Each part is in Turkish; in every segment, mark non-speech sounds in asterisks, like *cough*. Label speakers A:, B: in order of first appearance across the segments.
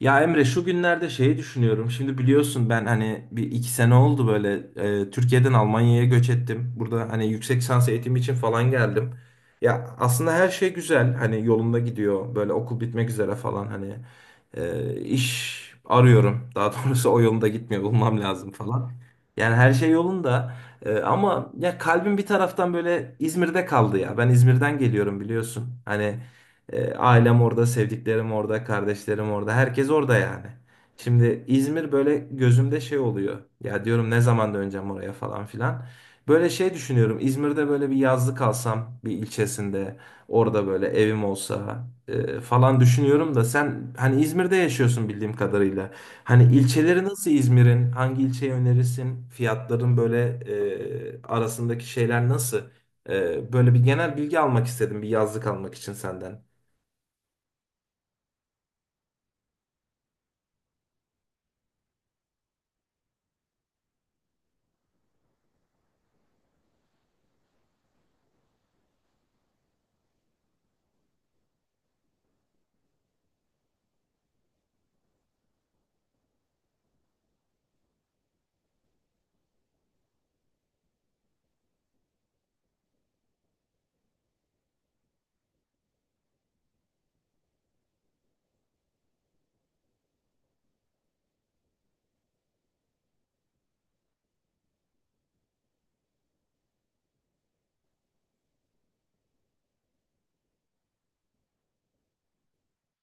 A: Ya Emre şu günlerde şeyi düşünüyorum. Şimdi biliyorsun ben hani bir iki sene oldu böyle Türkiye'den Almanya'ya göç ettim. Burada hani yüksek lisans eğitimi için falan geldim. Ya aslında her şey güzel hani yolunda gidiyor. Böyle okul bitmek üzere falan hani iş arıyorum. Daha *laughs* doğrusu o yolunda gitmiyor bulmam lazım falan. Yani her şey yolunda. Ama ya kalbim bir taraftan böyle İzmir'de kaldı ya. Ben İzmir'den geliyorum biliyorsun. Hani ailem orada, sevdiklerim orada, kardeşlerim orada, herkes orada yani. Şimdi İzmir böyle gözümde şey oluyor. Ya diyorum ne zaman döneceğim oraya falan filan. Böyle şey düşünüyorum. İzmir'de böyle bir yazlık alsam bir ilçesinde orada böyle evim olsa falan düşünüyorum da sen hani İzmir'de yaşıyorsun bildiğim kadarıyla. Hani ilçeleri nasıl İzmir'in? Hangi ilçeyi önerirsin? Fiyatların böyle arasındaki şeyler nasıl? Böyle bir genel bilgi almak istedim bir yazlık almak için senden.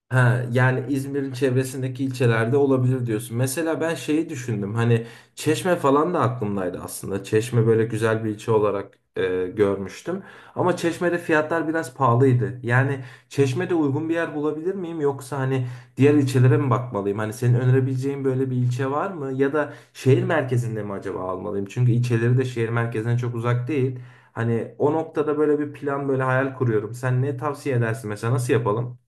A: Ha, yani İzmir'in çevresindeki ilçelerde olabilir diyorsun. Mesela ben şeyi düşündüm. Hani Çeşme falan da aklımdaydı aslında. Çeşme böyle güzel bir ilçe olarak görmüştüm. Ama Çeşme'de fiyatlar biraz pahalıydı. Yani Çeşme'de uygun bir yer bulabilir miyim? Yoksa hani diğer ilçelere mi bakmalıyım? Hani senin önerebileceğin böyle bir ilçe var mı? Ya da şehir merkezinde mi acaba almalıyım? Çünkü ilçeleri de şehir merkezine çok uzak değil. Hani o noktada böyle bir plan böyle hayal kuruyorum. Sen ne tavsiye edersin mesela nasıl yapalım?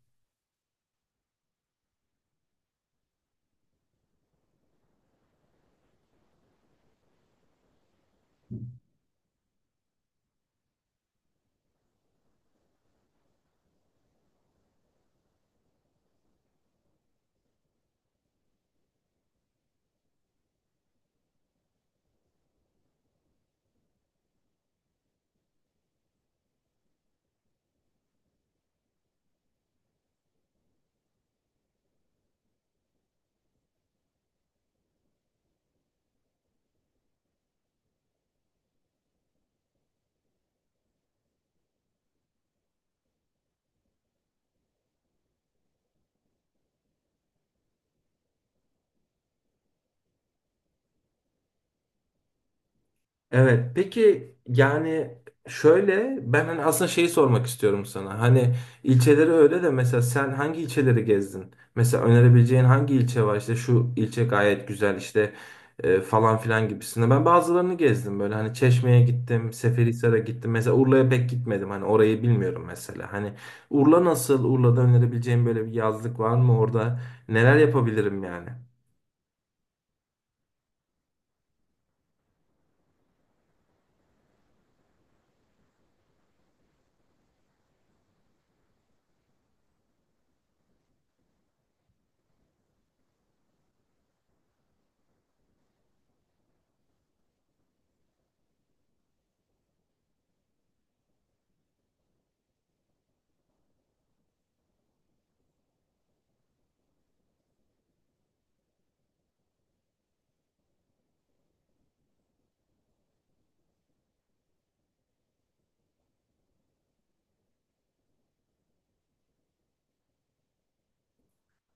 A: Evet, peki yani şöyle ben hani aslında şeyi sormak istiyorum sana. Hani ilçeleri öyle de mesela sen hangi ilçeleri gezdin? Mesela önerebileceğin hangi ilçe var? İşte şu ilçe gayet güzel işte falan filan gibisinde. Ben bazılarını gezdim böyle hani Çeşme'ye gittim, Seferihisar'a gittim. Mesela Urla'ya pek gitmedim hani orayı bilmiyorum mesela. Hani Urla nasıl? Urla'da önerebileceğin böyle bir yazlık var mı orada? Neler yapabilirim yani?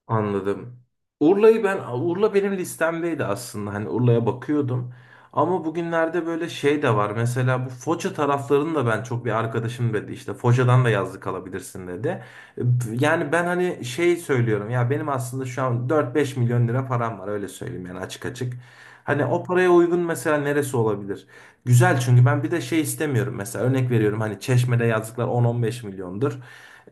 A: Anladım. Urla benim listemdeydi aslında. Hani Urla'ya bakıyordum. Ama bugünlerde böyle şey de var. Mesela bu Foça taraflarını da ben çok bir arkadaşım dedi işte Foça'dan da yazlık alabilirsin dedi. Yani ben hani şey söylüyorum ya benim aslında şu an dört beş milyon lira param var öyle söyleyeyim yani açık açık. Hani o paraya uygun mesela neresi olabilir? Güzel çünkü ben bir de şey istemiyorum mesela örnek veriyorum hani Çeşme'de yazlıklar on on beş milyondur.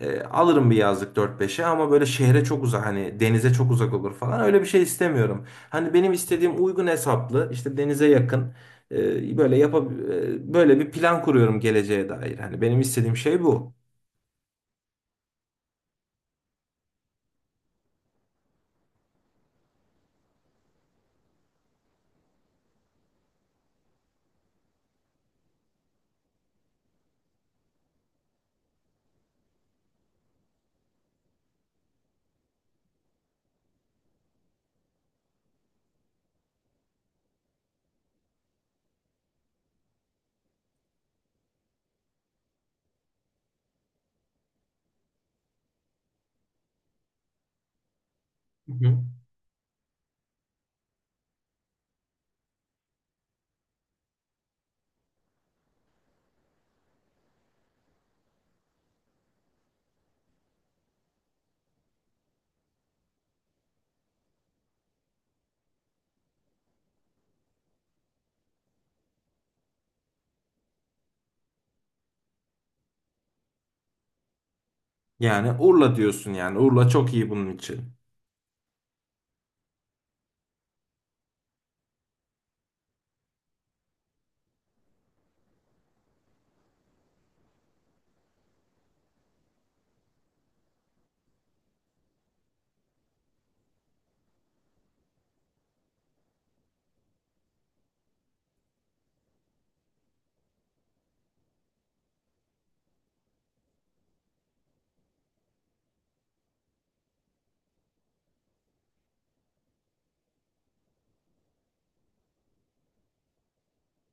A: Alırım bir yazlık 4-5'e ama böyle şehre çok uzak hani denize çok uzak olur falan öyle bir şey istemiyorum. Hani benim istediğim uygun hesaplı işte denize yakın böyle böyle bir plan kuruyorum geleceğe dair. Hani benim istediğim şey bu. Hı hı. Yani Urla diyorsun yani Urla çok iyi bunun için.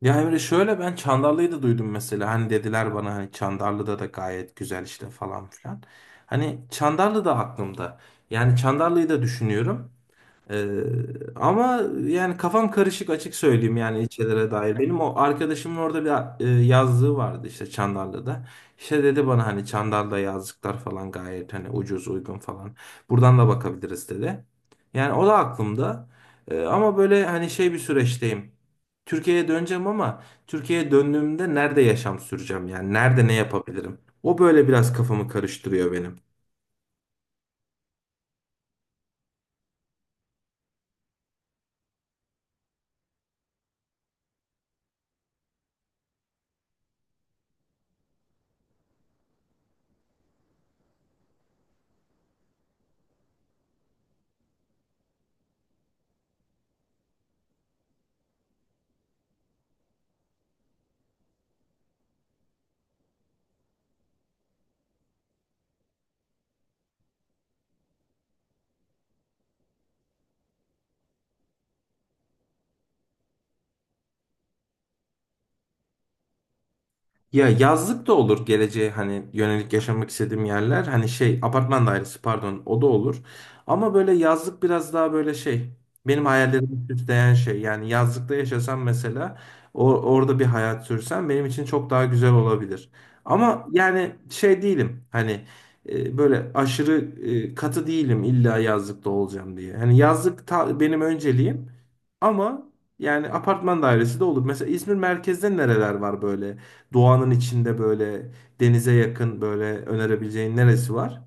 A: Ya Emre şöyle ben Çandarlı'yı da duydum mesela hani dediler bana hani Çandarlı'da da gayet güzel işte falan filan. Hani Çandarlı da aklımda. Yani Çandarlı'yı da düşünüyorum. Ee, ama yani kafam karışık açık söyleyeyim yani ilçelere dair. Benim o arkadaşımın orada bir yazlığı vardı işte Çandarlı'da. İşte dedi bana hani Çandarlı'da yazlıklar falan gayet hani ucuz uygun falan. Buradan da bakabiliriz dedi. Yani o da aklımda. Ama böyle hani şey bir süreçteyim. Türkiye'ye döneceğim ama Türkiye'ye döndüğümde nerede yaşam süreceğim yani nerede ne yapabilirim? O böyle biraz kafamı karıştırıyor benim. Ya yazlık da olur geleceğe hani yönelik yaşamak istediğim yerler. Hani şey apartman dairesi pardon o da olur. Ama böyle yazlık biraz daha böyle şey benim hayallerimi süsleyen şey. Yani yazlıkta yaşasam mesela orada bir hayat sürsem benim için çok daha güzel olabilir. Ama yani şey değilim hani böyle aşırı katı değilim illa yazlıkta olacağım diye. Hani benim önceliğim ama yani apartman dairesi de olur. Mesela İzmir merkezde nereler var böyle? Doğanın içinde böyle denize yakın böyle önerebileceğin neresi var?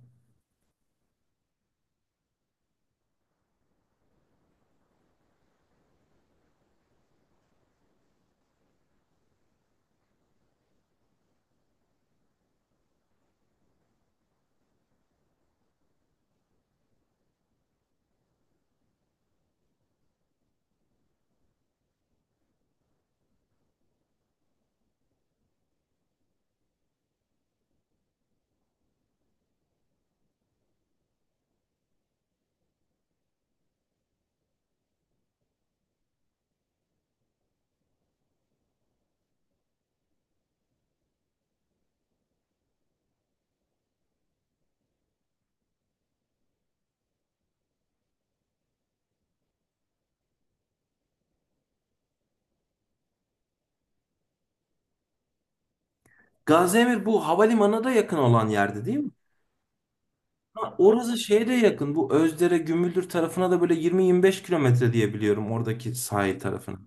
A: Gaziemir bu havalimanına da yakın olan yerde değil mi? Ha, orası şeye de yakın. Bu Özdere, Gümüldür tarafına da böyle 20-25 kilometre diye biliyorum oradaki sahil tarafına.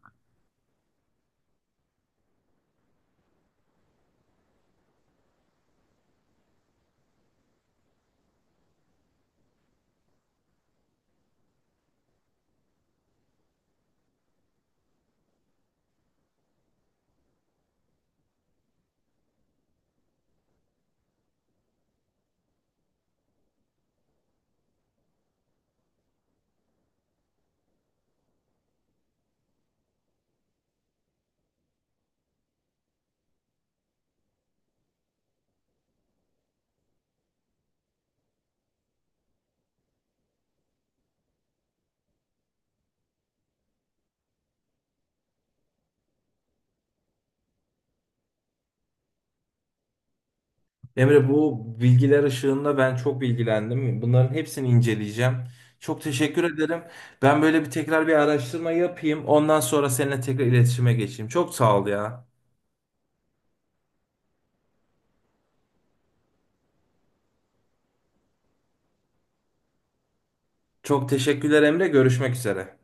A: Emre bu bilgiler ışığında ben çok bilgilendim. Bunların hepsini inceleyeceğim. Çok teşekkür ederim. Ben böyle bir tekrar bir araştırma yapayım. Ondan sonra seninle tekrar iletişime geçeyim. Çok sağ ol ya. Çok teşekkürler Emre. Görüşmek üzere.